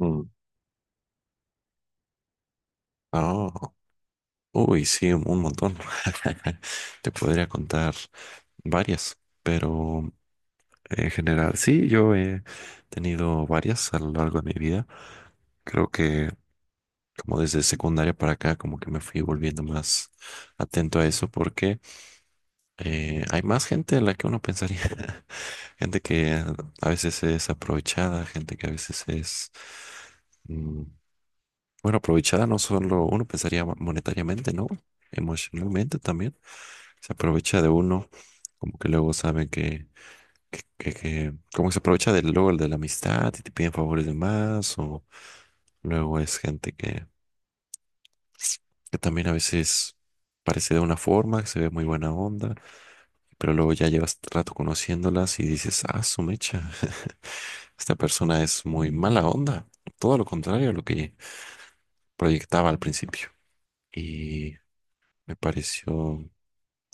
Mm. Ah, uy, sí, un montón. Te podría contar varias, pero en general, sí, yo he tenido varias a lo largo de mi vida. Creo que como desde secundaria para acá, como que me fui volviendo más atento a eso porque hay más gente de la que uno pensaría. Gente que a veces es aprovechada, gente que a veces es... mm, bueno, aprovechada no solo uno pensaría monetariamente, ¿no? Emocionalmente también. Se aprovecha de uno, como que luego saben que como que se aprovecha del luego el de la amistad y te piden favores de más, o luego es gente que también a veces parece de una forma, que se ve muy buena onda, pero luego ya llevas rato conociéndolas y dices, ah, su mecha, esta persona es muy mala onda. Todo lo contrario a lo que proyectaba al principio. y Me pareció,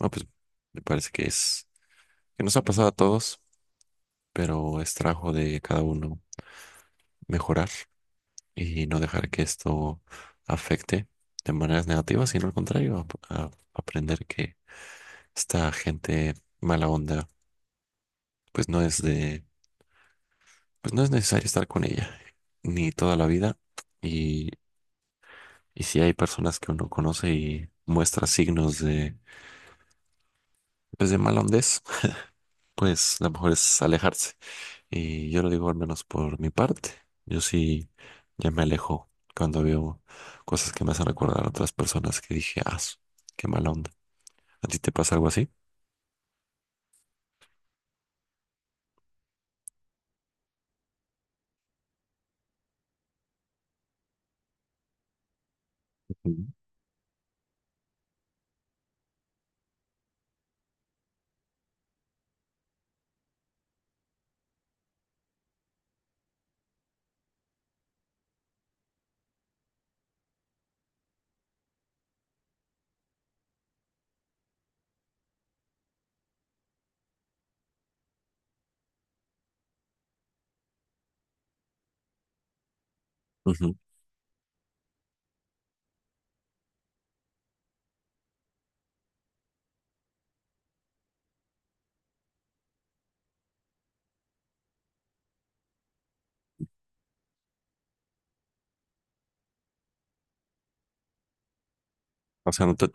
ah, pues me parece que es, que nos ha pasado a todos, pero es trabajo de cada uno mejorar y no dejar que esto afecte de maneras negativas, sino al contrario, aprender que esta gente mala onda, pues no es de, pues no es necesario estar con ella, ni toda la vida. Y, y si hay personas que uno conoce y muestra signos de, pues de mala hondez, pues lo mejor es alejarse. Y yo lo digo al menos por mi parte. Yo sí ya me alejo cuando veo cosas que me hacen recordar a otras personas que dije, ah, qué mala onda. ¿A ti te pasa algo así? Ujú. Ujú. O sea, ¿no te,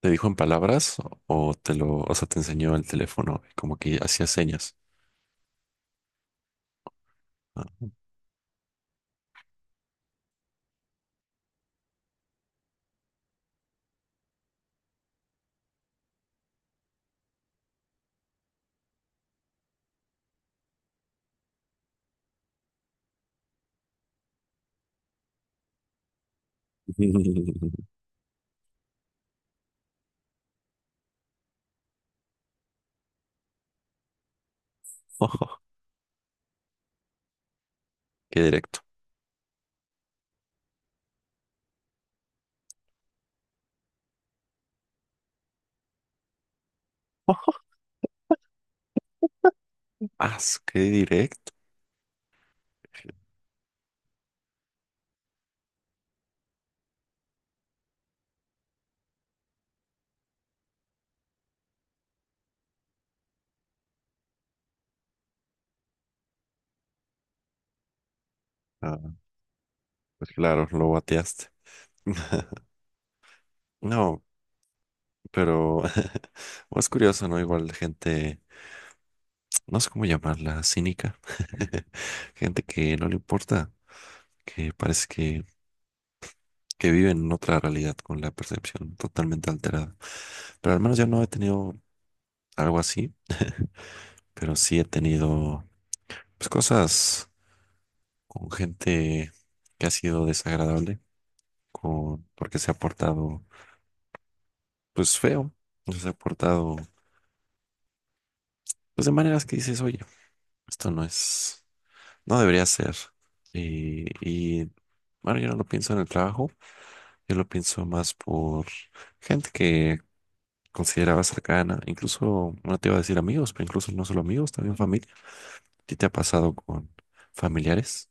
¿te dijo en palabras o sea, te enseñó el teléfono y como que hacía señas? Ah. Ojo, qué directo. Ah, qué directo. Ah, pues claro, lo bateaste. No, pero es curioso, ¿no? Igual gente, no sé cómo llamarla, cínica. Gente que no le importa, que parece que vive en otra realidad con la percepción totalmente alterada. Pero al menos yo no he tenido algo así, pero sí he tenido pues, cosas con gente que ha sido desagradable, con, porque se ha portado pues feo, o se ha portado pues de maneras que dices, oye, esto no es, no debería ser. Y, y bueno, yo no lo pienso en el trabajo. Yo lo pienso más por gente que consideraba cercana, incluso, no te iba a decir amigos, pero incluso no solo amigos, también familia. ¿A ti te ha pasado con familiares?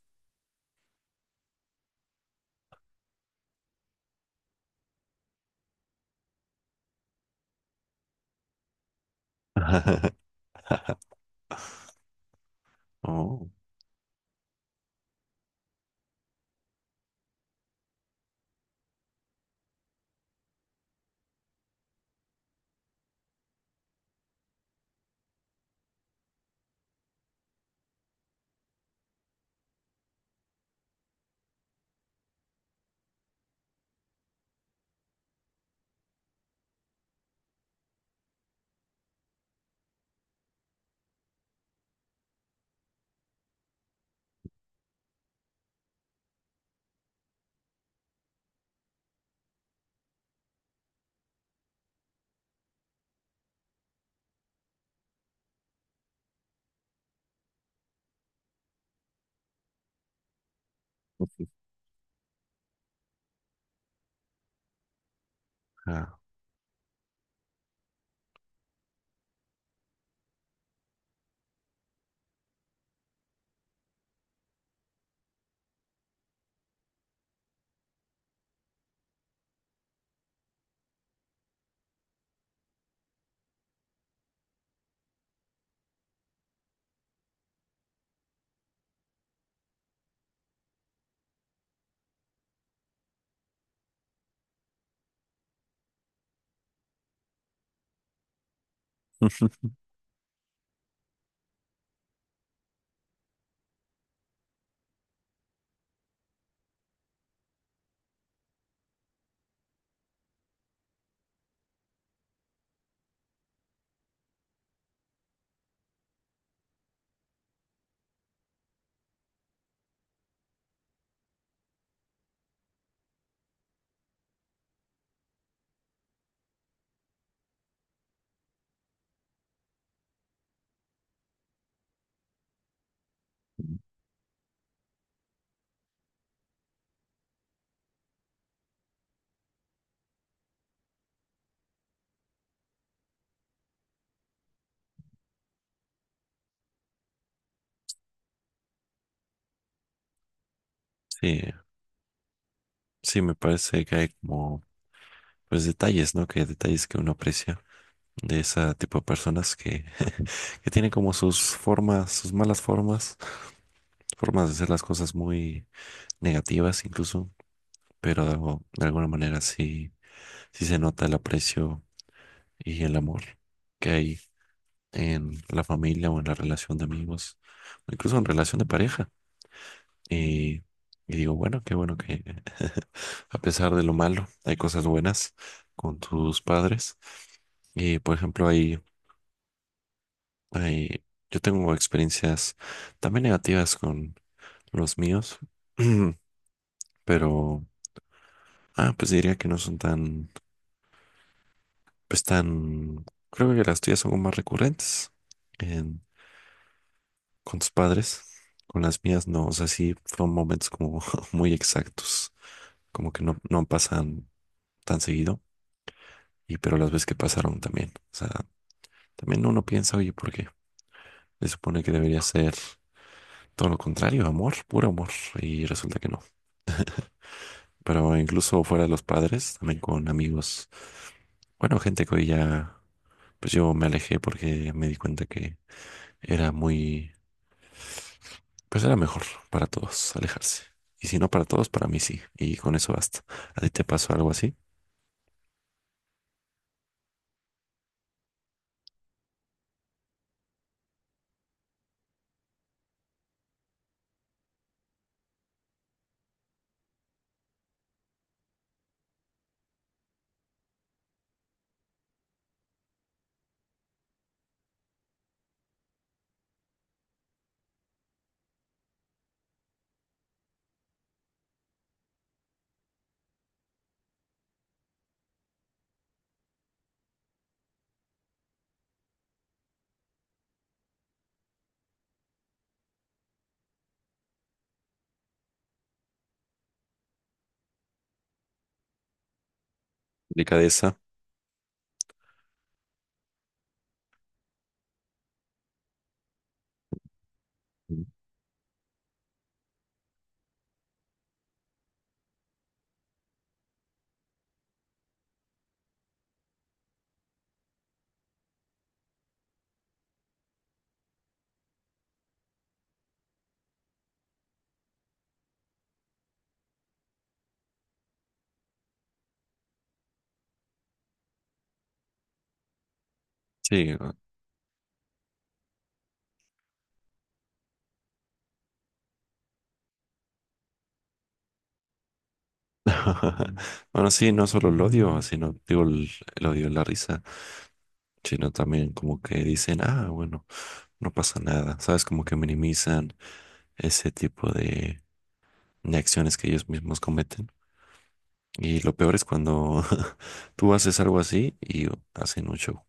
Oh, ah. Sí, sí, me parece que hay como, pues detalles, ¿no? Que detalles que uno aprecia de ese tipo de personas que, que tienen como sus formas, sus malas formas, formas de hacer las cosas muy negativas incluso, pero de, de alguna manera sí. Sí se nota el aprecio y el amor que hay en la familia o en la relación de amigos, o incluso en relación de pareja. Y, digo, bueno, qué bueno que a pesar de lo malo, hay cosas buenas con tus padres. Y por ejemplo, ahí, ahí yo tengo experiencias también negativas con los míos, pero ah, pues diría que no son tan, pues tan, creo que las tuyas son más recurrentes. Con tus padres, con las mías no, o sea, sí fueron momentos como muy exactos, como que no, no pasan tan seguido, y pero las veces que pasaron también, o sea, también uno piensa, oye, ¿por qué? Se supone que debería ser todo lo contrario, amor, puro amor, y resulta que no. Pero incluso fuera de los padres, también con amigos, bueno, gente que hoy ya, pues yo me alejé porque me di cuenta que era muy. Pues era mejor para todos alejarse. Y si no para todos, para mí sí. Y con eso basta. ¿A ti te pasó algo así? Delicadeza. Mm. Sí. Bueno, sí, no solo el odio, sino digo el odio y la risa, sino también como que dicen, ah, bueno, no pasa nada. ¿Sabes? Como que minimizan ese tipo de acciones que ellos mismos cometen. Y lo peor es cuando tú haces algo así y hacen mucho.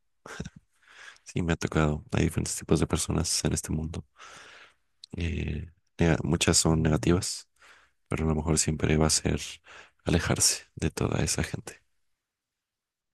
Sí, me ha tocado. Hay diferentes tipos de personas en este mundo. Eh, muchas son negativas, pero a lo mejor siempre va a ser alejarse de toda esa gente.